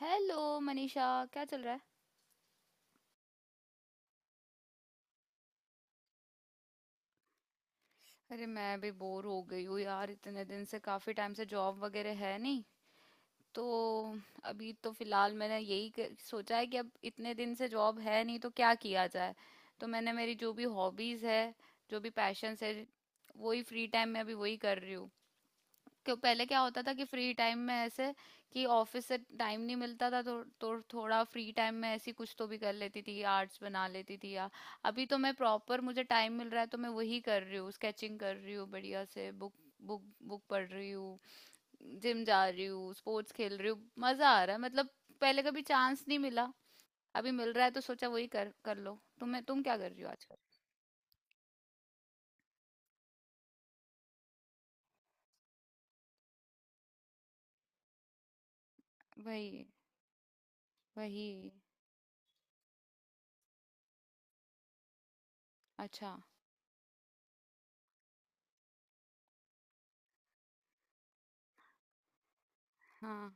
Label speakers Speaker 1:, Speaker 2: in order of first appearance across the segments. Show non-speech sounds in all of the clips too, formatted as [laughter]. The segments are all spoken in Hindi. Speaker 1: हेलो मनीषा। क्या चल रहा है? अरे, मैं भी बोर हो गई हूँ यार। इतने दिन से, काफी टाइम से जॉब वगैरह है नहीं तो। अभी तो फिलहाल मैंने यही सोचा है कि अब इतने दिन से जॉब है नहीं तो क्या किया जाए। तो मैंने, मेरी जो भी हॉबीज है, जो भी पैशंस है, वही फ्री टाइम में अभी वही कर रही हूँ। क्यों, पहले क्या होता था कि फ्री टाइम में ऐसे, कि ऑफिस से टाइम नहीं मिलता था तो थोड़ा फ्री टाइम में ऐसी कुछ तो भी कर लेती थी, आर्ट्स बना लेती थी या। अभी तो मैं प्रॉपर, मुझे टाइम मिल रहा है तो मैं वही कर रही हूँ, स्केचिंग कर रही हूँ, बढ़िया से बुक बुक बुक पढ़ रही हूँ, जिम जा रही हूँ, स्पोर्ट्स खेल रही हूँ। मजा आ रहा है मतलब, पहले कभी चांस नहीं मिला, अभी मिल रहा है तो सोचा वही कर कर लो। तुम्हें, तुम क्या कर रही हो आजकल? वही, वही। अच्छा। हाँ,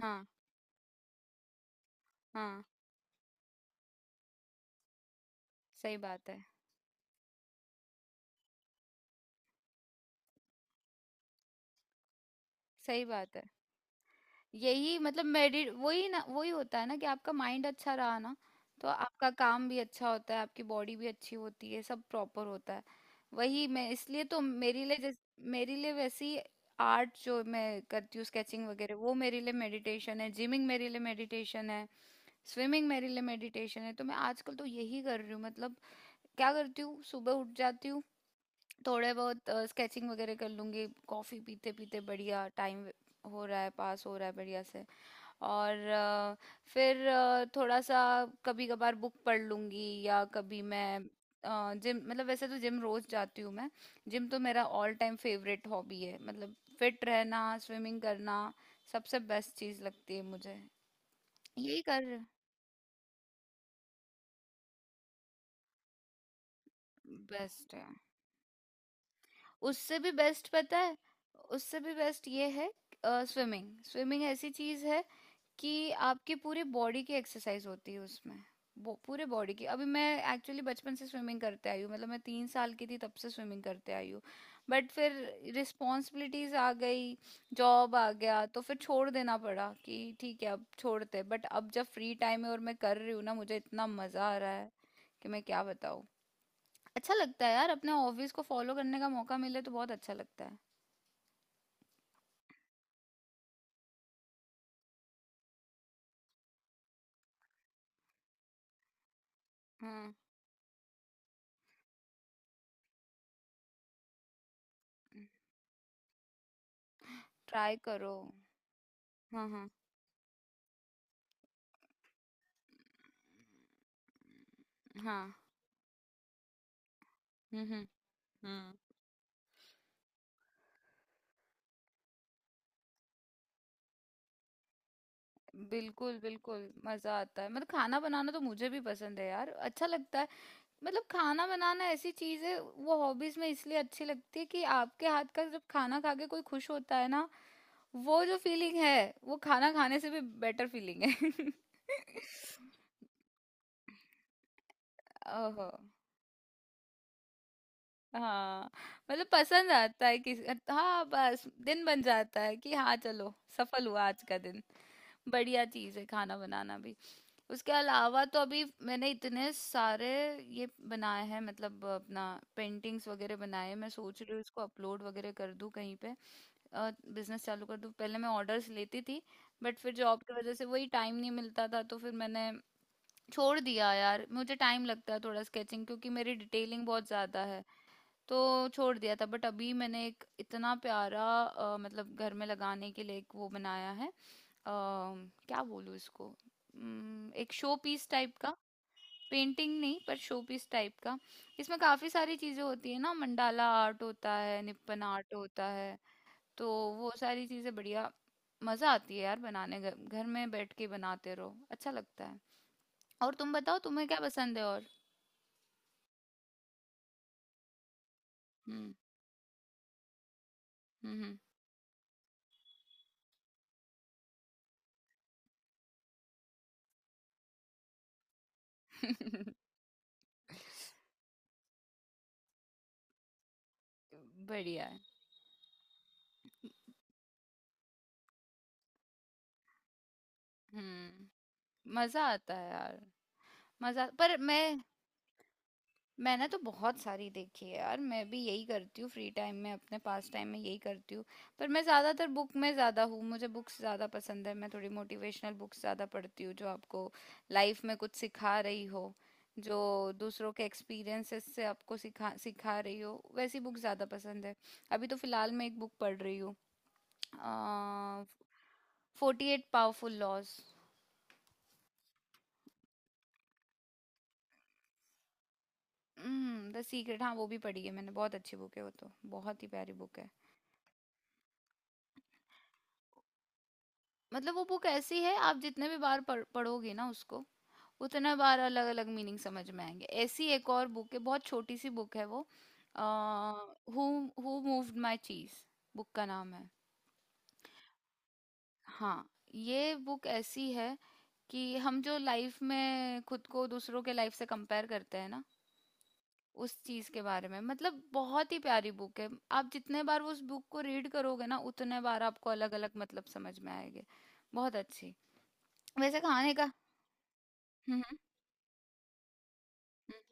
Speaker 1: हाँ, हाँ। सही बात है। सही बात है। यही मतलब, मेडिट, वही ना, वही होता है ना कि आपका माइंड अच्छा रहा ना तो आपका काम भी अच्छा होता है, आपकी बॉडी भी अच्छी होती है, सब प्रॉपर होता है। वही मैं, इसलिए तो मेरे लिए मेरे लिए वैसी आर्ट जो मैं करती हूँ, स्केचिंग वगैरह, वो मेरे लिए मेडिटेशन है, जिमिंग मेरे लिए मेडिटेशन है, स्विमिंग मेरे लिए मेडिटेशन है, तो मैं आजकल तो यही कर रही हूँ मतलब। क्या करती हूँ, सुबह उठ जाती हूँ, थोड़े बहुत स्केचिंग वगैरह कर लूंगी, कॉफी पीते पीते बढ़िया टाइम हो रहा है, पास हो रहा है बढ़िया से। और फिर थोड़ा सा कभी कभार बुक पढ़ लूंगी, या कभी मैं जिम, मतलब वैसे तो जिम रोज जाती हूँ मैं। जिम तो मेरा ऑल टाइम फेवरेट हॉबी है, मतलब फिट रहना, स्विमिंग करना सबसे बेस्ट चीज लगती है मुझे। यही कर, बेस्ट है। उससे भी बेस्ट पता है? उससे भी बेस्ट ये है, स्विमिंग। स्विमिंग ऐसी चीज है कि आपके पूरे बॉडी की एक्सरसाइज होती है उसमें, पूरे बॉडी की। अभी मैं एक्चुअली बचपन से स्विमिंग करते आई हूँ, मतलब मैं 3 साल की थी तब से स्विमिंग करते आई हूँ। बट फिर रिस्पॉन्सिबिलिटीज आ गई, जॉब आ गया तो फिर छोड़ देना पड़ा कि ठीक है अब छोड़ते, बट अब जब फ्री टाइम है और मैं कर रही हूँ ना, मुझे इतना मजा आ रहा है कि मैं क्या बताऊँ। अच्छा लगता है यार, अपने हॉबीज को फॉलो करने का मौका मिले तो बहुत अच्छा लगता है। हाँ, ट्राई करो। हाँ, हाँ। हाँ। हम्म, हम्म, हम्म। बिल्कुल, बिल्कुल, मजा आता है मतलब। खाना बनाना तो मुझे भी पसंद है यार, अच्छा लगता है। मतलब खाना बनाना ऐसी चीज है, वो हॉबीज में इसलिए अच्छी लगती है कि आपके हाथ का जब खाना खा के कोई खुश होता है ना, वो जो फीलिंग है, वो खाना खाने से भी बेटर फीलिंग है। [laughs] ओहो, हाँ। मतलब पसंद आता है किसी, हाँ, बस दिन बन जाता है कि हाँ चलो सफल हुआ आज का दिन। बढ़िया चीज़ है खाना बनाना भी। उसके अलावा तो अभी मैंने इतने सारे ये बनाए हैं, मतलब अपना पेंटिंग्स वगैरह बनाए हैं। मैं सोच रही हूँ इसको अपलोड वगैरह कर दूँ कहीं पे, बिजनेस चालू कर दूँ। पहले मैं ऑर्डर्स लेती थी, बट फिर जॉब की वजह से वही टाइम नहीं मिलता था तो फिर मैंने छोड़ दिया यार। मुझे टाइम लगता है थोड़ा, स्केचिंग क्योंकि मेरी डिटेलिंग बहुत ज़्यादा है तो छोड़ दिया था। बट अभी मैंने एक इतना प्यारा मतलब घर में लगाने के लिए एक वो बनाया है, क्या बोलूँ इसको, एक शो पीस टाइप का। पेंटिंग नहीं, पर शो पीस टाइप का। इसमें काफी सारी चीजें होती है ना, मंडाला आर्ट होता है, निपन आर्ट होता है, तो वो सारी चीजें बढ़िया, मजा आती है यार बनाने, घर घर में बैठ के बनाते रहो, अच्छा लगता है। और तुम बताओ, तुम्हें क्या पसंद है? और हम्म, हम्म, हम्म, [laughs] बढ़िया है। हम्म। मजा आता है यार, मजा। पर मैं, मैंने तो बहुत सारी देखी है यार, मैं भी यही करती हूँ फ्री टाइम में, अपने पास टाइम में यही करती हूँ। पर मैं ज़्यादातर बुक में ज़्यादा हूँ, मुझे बुक्स ज़्यादा पसंद है। मैं थोड़ी मोटिवेशनल बुक्स ज़्यादा पढ़ती हूँ, जो आपको लाइफ में कुछ सिखा रही हो, जो दूसरों के एक्सपीरियंसेस से आपको सिखा सिखा रही हो, वैसी बुक ज़्यादा पसंद है। अभी तो फ़िलहाल मैं एक बुक पढ़ रही हूँ, 48 powerful laws. Hmm, the secret, हाँ, वो भी पढ़ी है मैंने, बहुत अच्छी बुक है वो तो, बहुत ही प्यारी बुक है। मतलब वो बुक ऐसी है, आप जितने भी बार पढ़ोगे ना उसको, उतना बार अलग अलग मीनिंग समझ में आएंगे। ऐसी एक और बुक है, बहुत छोटी सी बुक है वो, who who moved my cheese book का नाम है। हाँ, ये बुक ऐसी है कि हम जो लाइफ में खुद को दूसरों के लाइफ से कंपेयर करते हैं ना, उस चीज के बारे में, मतलब बहुत ही प्यारी बुक है। आप जितने बार उस बुक को रीड करोगे ना, उतने बार आपको अलग अलग मतलब समझ में आएंगे। बहुत अच्छी। वैसे खाने का, हम्म हम्म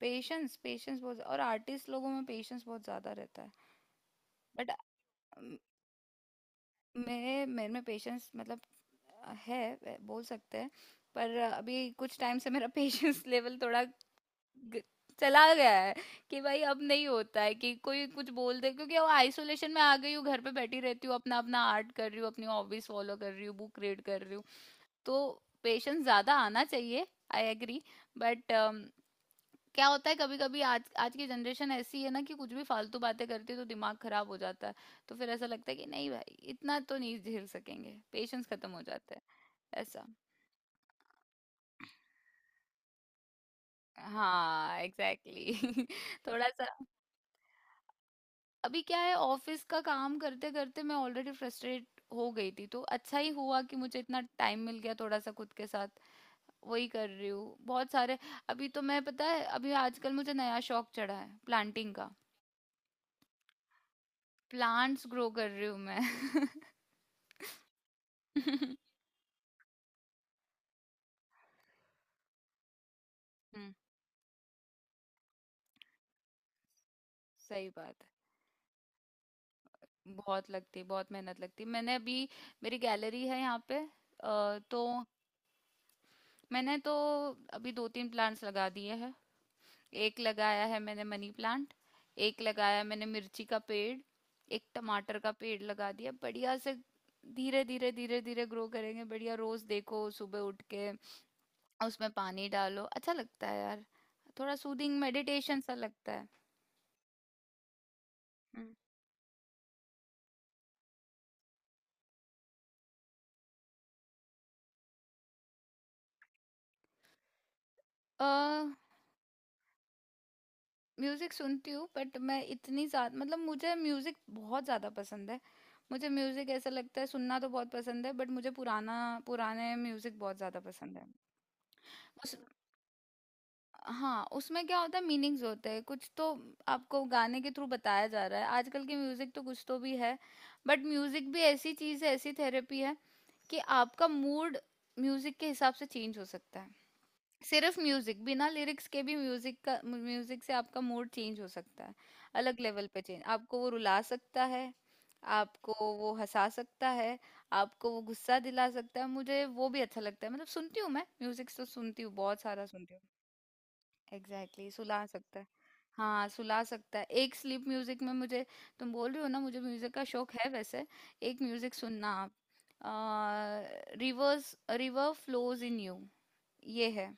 Speaker 1: पेशेंस, पेशेंस बहुत, और आर्टिस्ट लोगों में पेशेंस बहुत ज्यादा रहता है। बट मेरे मेरे में पेशेंस, मतलब है, बोल सकते हैं। पर अभी कुछ टाइम से मेरा [laughs] पेशेंस लेवल थोड़ा ग- चला गया है, कि भाई अब नहीं होता है कि कोई कुछ बोल दे, क्योंकि वो आइसोलेशन में आ गई हूँ, घर पे बैठी रहती हूँ, अपना अपना आर्ट कर रही हूँ, अपनी हॉबीज फॉलो कर रही हूँ, बुक रीड कर रही हूँ, तो पेशेंस ज्यादा आना चाहिए। I agree. बट क्या होता है, कभी कभी आज आज की जनरेशन ऐसी है ना, कि कुछ भी फालतू बातें करती है तो दिमाग खराब हो जाता है, तो फिर ऐसा लगता है कि नहीं भाई, इतना तो नहीं झेल सकेंगे, पेशेंस खत्म हो जाता है ऐसा। हाँ, एग्जैक्टली। [laughs] थोड़ा सा, अभी क्या है, ऑफिस का काम करते करते मैं ऑलरेडी फ्रस्ट्रेट हो गई थी, तो अच्छा ही हुआ कि मुझे इतना टाइम मिल गया थोड़ा सा खुद के साथ। वही कर रही हूँ बहुत सारे। अभी तो मैं, पता है अभी आजकल मुझे नया शौक चढ़ा है, प्लांटिंग का। प्लांट्स ग्रो कर रही हूँ मैं। [laughs] हम्म, सही बात है, बहुत लगती है, बहुत मेहनत लगती है। मैंने अभी, मेरी गैलरी है यहाँ पे, तो मैंने तो अभी दो तीन प्लांट्स लगा दिए हैं। एक लगाया है मैंने मनी प्लांट, एक लगाया मैंने मिर्ची का पेड़, एक टमाटर का पेड़ लगा दिया बढ़िया से। धीरे धीरे, धीरे धीरे ग्रो करेंगे बढ़िया, रोज देखो, सुबह उठ के उसमें पानी डालो, अच्छा लगता है यार, थोड़ा सूदिंग मेडिटेशन सा लगता है। हम्म, अ म्यूजिक सुनती हूँ, बट मैं इतनी ज्यादा, मतलब मुझे म्यूजिक बहुत ज्यादा पसंद है। मुझे म्यूजिक ऐसा लगता है, सुनना तो बहुत पसंद है, बट मुझे पुराना, पुराने म्यूजिक बहुत ज्यादा पसंद है। उस, हाँ, उसमें क्या होता है मीनिंग्स होते हैं कुछ तो, आपको गाने के थ्रू बताया जा रहा है, आजकल के म्यूजिक तो कुछ तो भी है। बट म्यूजिक भी ऐसी चीज है, ऐसी थेरेपी है कि आपका मूड म्यूजिक के हिसाब से चेंज हो सकता है। सिर्फ म्यूजिक, बिना लिरिक्स के भी, म्यूजिक का, म्यूजिक से आपका मूड चेंज हो सकता है, अलग लेवल पे चेंज। आपको वो रुला सकता है, आपको वो हंसा सकता है, आपको वो गुस्सा दिला सकता है, मुझे वो भी अच्छा लगता है, मतलब सुनती हूँ मैं म्यूजिक तो, सुनती हूँ बहुत सारा सुनती हूँ। एग्जैक्टली exactly, सुला सकता है। हाँ, सुला सकता है। एक स्लीप म्यूजिक में मुझे, तुम बोल रहे हो ना मुझे म्यूजिक का शौक है वैसे, एक म्यूजिक सुनना आप, रिवर फ्लोज इन यू, ये है।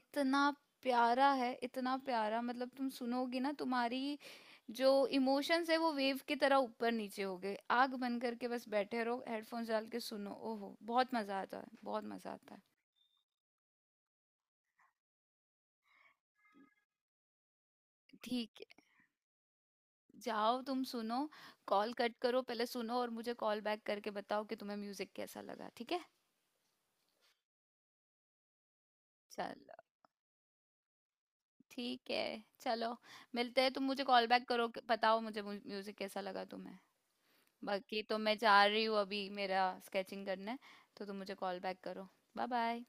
Speaker 1: इतना प्यारा है, इतना प्यारा मतलब तुम सुनोगी ना, तुम्हारी जो इमोशंस है वो वेव की तरह ऊपर नीचे हो गए, आग बंद करके बस बैठे रहो हेडफोन्स डाल के सुनो, ओहो, बहुत मजा आता है, बहुत मजा आता है। ठीक, जाओ तुम सुनो। कॉल कट करो, पहले सुनो और मुझे कॉल बैक करके बताओ कि तुम्हें म्यूजिक कैसा लगा, ठीक है? चलो, ठीक है, चलो, मिलते हैं। तुम मुझे कॉल बैक करो, बताओ मुझे म्यूजिक कैसा लगा तुम्हें। बाकी तो मैं जा रही हूँ अभी, मेरा स्केचिंग करने, तो तुम मुझे कॉल बैक करो। Bye bye.